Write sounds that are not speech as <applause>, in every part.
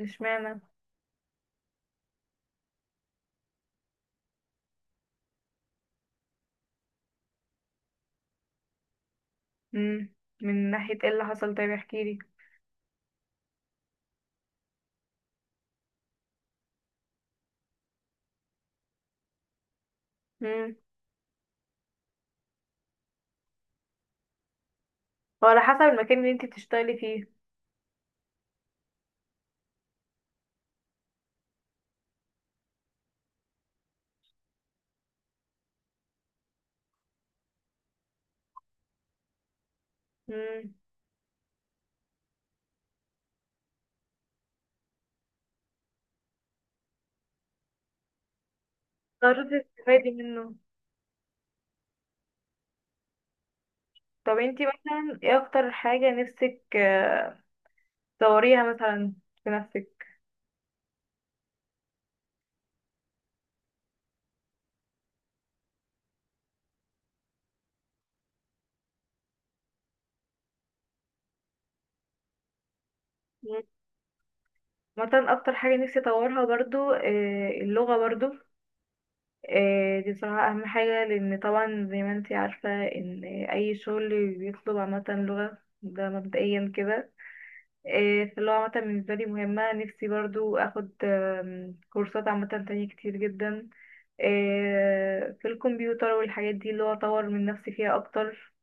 اشمعنى؟ امم. من ناحية ايه اللي حصل؟ طيب احكيلي. امم. هو على حسب المكان اللي انت بتشتغلي فيه. امم. قررتي تستفادي منه. طب انت مثلا ايه اكتر حاجة نفسك تطوريها مثلا في نفسك؟ مم. مثلا اكتر حاجة نفسي اطورها برضو اللغة برضو. دي صراحة اهم حاجة لان طبعا زي ما انت عارفة ان اي شغل بيطلب عامة لغة، ده مبدئيا كده. فاللي هو عامة بالنسبة لي مهمة، نفسي برضو أخد كورسات عامة تانية كتير جدا. في الكمبيوتر والحاجات دي اللي هو أطور من نفسي فيها أكتر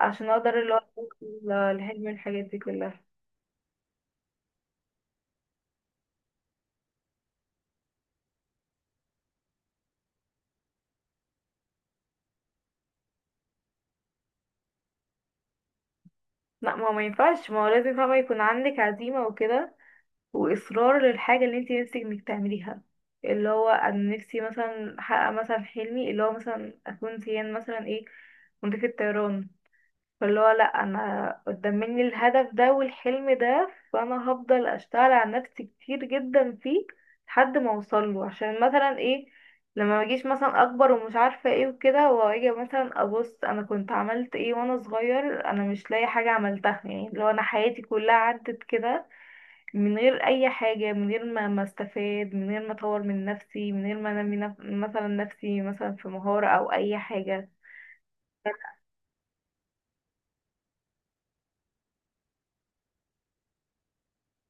عشان أقدر اللي هو أوصل لحلم الحاجات دي كلها. لا، ما هو ما ينفعش، ما هو لازم فاهمة يكون عندك عزيمة وكده وإصرار للحاجة اللي انتي نفسك انك تعمليها. اللي هو أنا نفسي مثلا أحقق مثلا حلمي، اللي هو مثلا أكون زيان مثلا ايه، مضيفة طيران. فاللي هو لأ، أنا قدام مني الهدف ده والحلم ده فأنا هفضل أشتغل على نفسي كتير جدا فيه لحد ما أوصله، عشان مثلا ايه، لما مجيش مثلا أكبر ومش عارفة ايه وكده وأجي مثلا أبص أنا كنت عملت ايه وأنا صغير أنا مش لاقي حاجة عملتها. يعني اللي هو أنا حياتي كلها عدت كده من غير أي حاجة، من غير ما استفاد، من غير ما أطور من نفسي، من غير ما أنمي نف... مثلا نفسي مثلا في مهارة أو أي حاجة.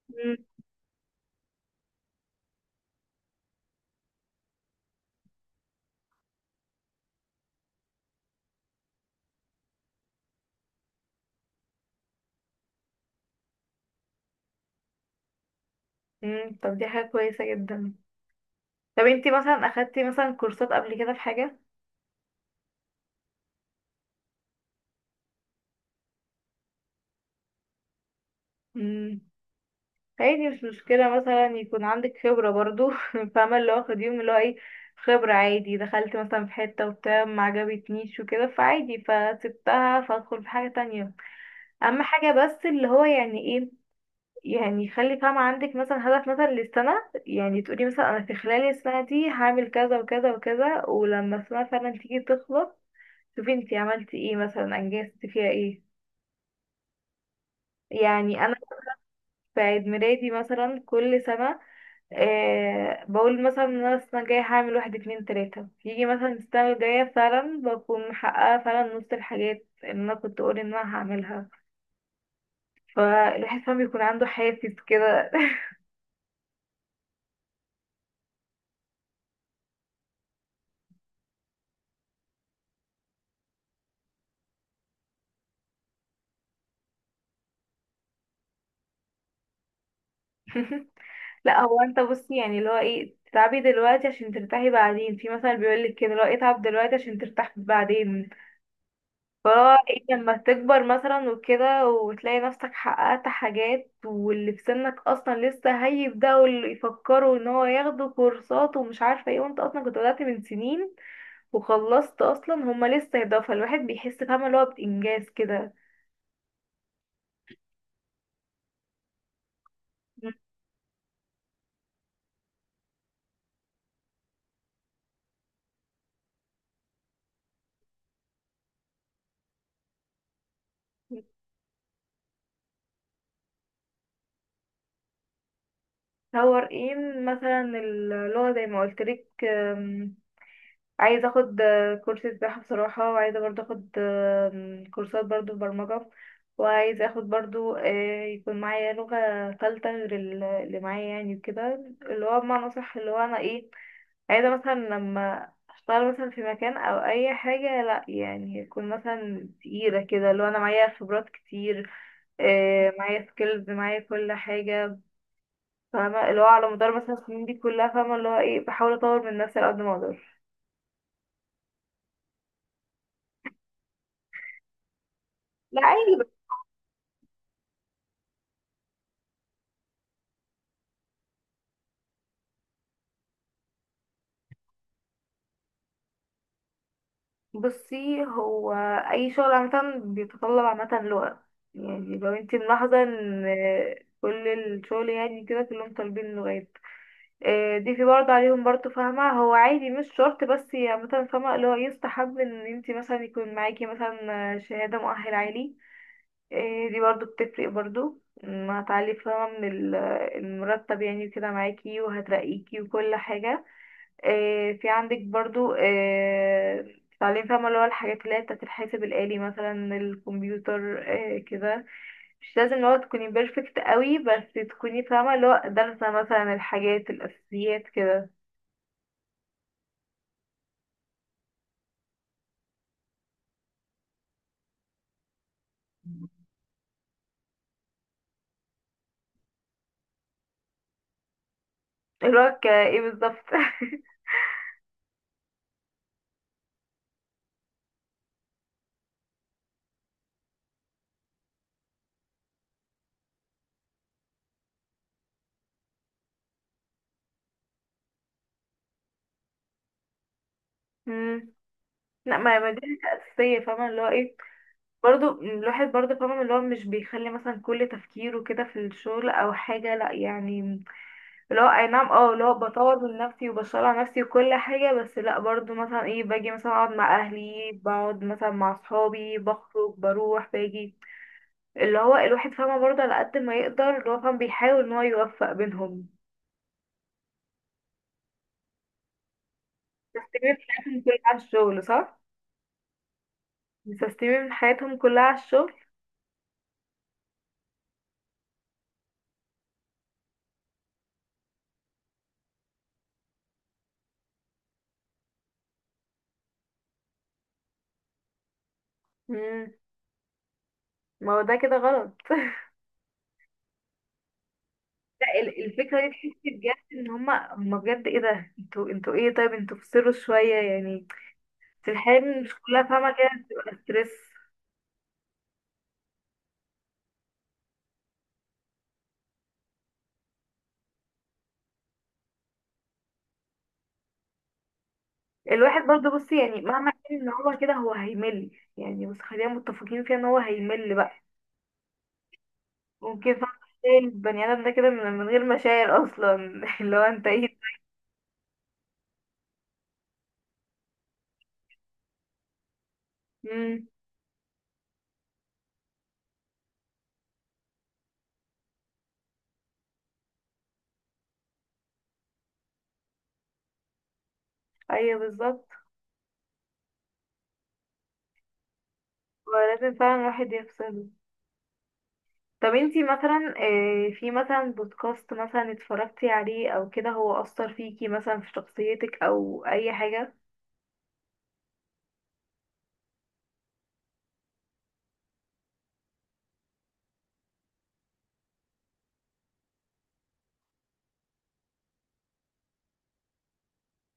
مم. مم. طب دي حاجة كويسة جدا. طب انتي مثلا اخدتي مثلا كورسات قبل كده في حاجة؟ امم. عادي مش مشكلة مثلا يكون عندك خبرة برضو <laughs> فاهمة اللي هو خديهم، اللي هو ايه، خبرة عادي. دخلت مثلا في حتة وبتاع، ما عجبتنيش وكده فعادي فسبتها فادخل في حاجة تانية. اهم حاجة بس اللي هو يعني ايه، يعني خلي فاهمة عندك مثلا هدف مثلا للسنة. يعني تقولي مثلا انا في خلال السنة دي هعمل كذا وكذا وكذا، ولما السنة فعلا تيجي تخلص شوفي انتي عملتي ايه مثلا انجزتي فيها ايه. يعني انا في عيد ميلادي مثلا كل سنة آه بقول مثلا ان انا السنة الجاية هعمل واحد اتنين تلاتة، يجي مثلا السنة الجاية فعلا بكون محققة فعلا نص الحاجات اللي انا كنت اقول ان انا هعملها. فالواحد فعلا بيكون عنده حافز كده. <laughs> لا هو انت بصي يعني اللي هو ايه، تتعبي دلوقتي عشان ترتاحي بعدين، في مثلا بيقولك كده اللي هو اتعب دلوقتي عشان ترتاح بعدين. فهو ايه لما تكبر مثلا وكده وتلاقي نفسك حققت حاجات، واللي في سنك اصلا لسه هيبدأوا اللي يفكروا ان هو ياخدوا كورسات ومش عارفة ايه، وانت اصلا كنت بدأت من سنين وخلصت اصلا هما لسه يبدأوا، فالواحد بيحس فاهمة اللي هو بإنجاز كده. هو ايه مثلا اللغة زي ما قلتلك. عايزه اخد كورس سباحه بصراحه، وعايزه برضو اخد كورسات برضو برمجه. وعايزه اخد برضو يكون معايا لغه ثالثه غير اللي معايا يعني وكده، اللي هو بمعنى اصح اللي هو انا ايه، عايزه مثلا لما اشتغل مثلا في مكان او اي حاجه، لا يعني يكون مثلا تقيله كده اللي هو انا معايا خبرات كتير، معايا سكيلز معايا كل حاجه. فاهمه اللي هو على مدار مثلا السنين دي كلها فاهمه اللي هو ايه، بحاول اطور من نفسي على قد ما اقدر. لا عادي. بصي هو اي شغل عامه بيتطلب عامه لغه. يعني لو انت ملاحظه ان كل الشغل يعني كده كلهم طالبين لغات. دي في برضه عليهم برضه فاهمه، هو عادي مش شرط، بس هي مثلا فاهمه اللي هو يستحب ان انت مثلا يكون معاكي مثلا شهاده مؤهل عالي. دي برضه بتفرق برضه، هتعلي فاهمه من المرتب يعني كده معاكي، وهترقيكي وكل حاجه. في عندك برضو تعليم فاهمة اللي هو الحاجات اللي هي بتاعت الحاسب الآلي مثلا الكمبيوتر. كده مش لازم اللي هو تكوني بيرفكت قوي، بس تكوني فاهمة اللي هو دارسة مثلا الحاجات الأساسيات كده. اللي هو ايه بالظبط؟ <laughs> مم. لا، ما دي حاجة أساسية فاهمة اللي هو ايه. برضو الواحد برضو فاهمة اللي هو مش بيخلي مثلا كل تفكيره كده في الشغل أو حاجة، لا يعني اللي هو اي نعم اه اللي هو بطور من نفسي وبشتغل على نفسي وكل حاجة، بس لا برضو مثلا ايه باجي مثلا اقعد مع اهلي بقعد مثلا مع صحابي بخرج بروح باجي، اللي هو الواحد فاهمة برضه على قد ما يقدر اللي هو فاهم بيحاول ان هو يوفق بينهم. مستسلمين حياتهم كلها على الشغل صح؟ مستسلمين حياتهم كلها على الشغل. مم. ما هو ده كده غلط. <laughs> لا، الفكرة دي تحسي بجد ان هما هما بجد ايه ده، انتوا انتوا ايه، طيب انتوا فصلوا شوية يعني، بس الحياة مش كلها فاهمة كده بتبقى ستريس. الواحد برضه بصي يعني مهما كان ان هو كده هو هيمل يعني، بس خلينا متفقين فيها ان هو هيمل بقى. ممكن فعلا تلاقي البني ادم ده كده من غير مشاعر اصلا. <laughs> اللي هو انت ايه؟ امم. ايوه بالظبط، ولازم فعلا الواحد يفصله. طب انتي مثلا في مثلا بودكاست مثلا اتفرجتي عليه او كده هو اثر فيكي مثلا في شخصيتك او اي حاجه؟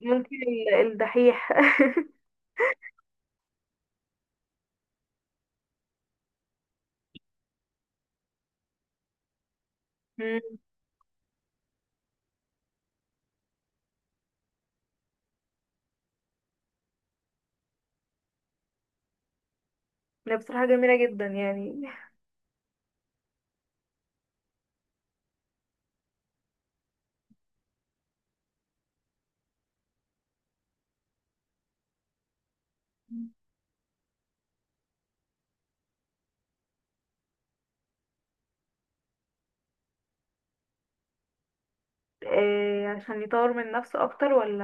ممكن الدحيح. <laughs> امم. ده بصراحه جميله جدا يعني. إيه عشان يطور من نفسه اكتر ولا؟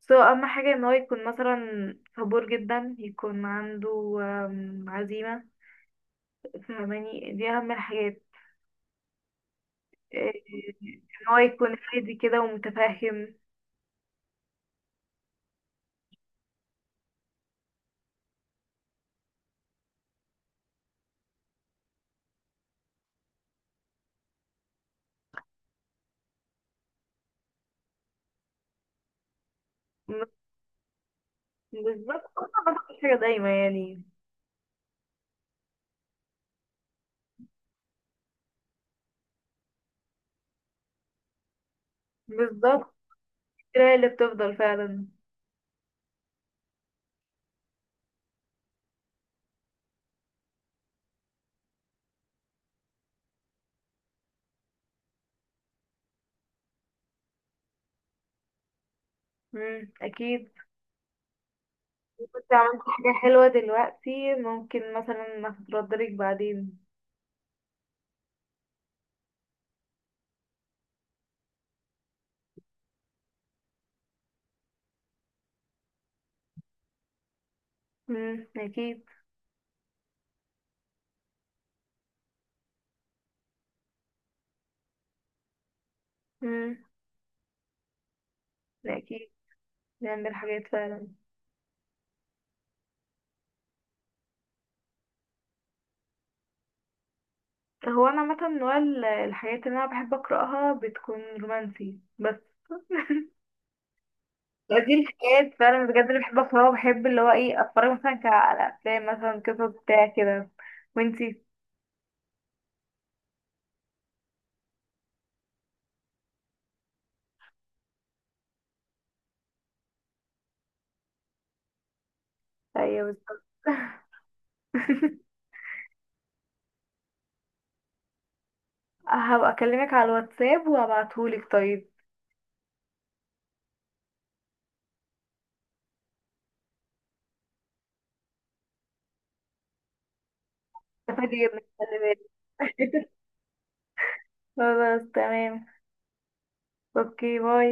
سواء اهم حاجة ان هو يكون مثلا صبور جدا يكون عنده عزيمة، فاهماني دي اهم الحاجات. إيه، ان هو يكون هادي كده ومتفهم. بالظبط، أنا بفكر حاجة دايما يعني. بالظبط، كده هي اللي بتفضل فعلا. مم. اكيد. كنت عملت حاجة حلوة دلوقتي ممكن مثلا ما تتردلك بعدين. مم. اكيد. مم. اكيد. نعمل حاجات فعلا. هو انا عامه نوع الحاجات اللي انا بحب اقراها بتكون رومانسي بس. <laughs> دي الحاجات فعلا بجد اللي بحب اقراها، وبحب اللي هو ايه اتفرج مثلا على افلام مثلا قصص بتاع كده. وانتي؟ ايوه بالظبط. <laughs> هبقى اكلمك على الواتساب وابعتهولك طيب. فاضية جدا خلي بالك. <laughs> خلاص تمام. اوكي باي.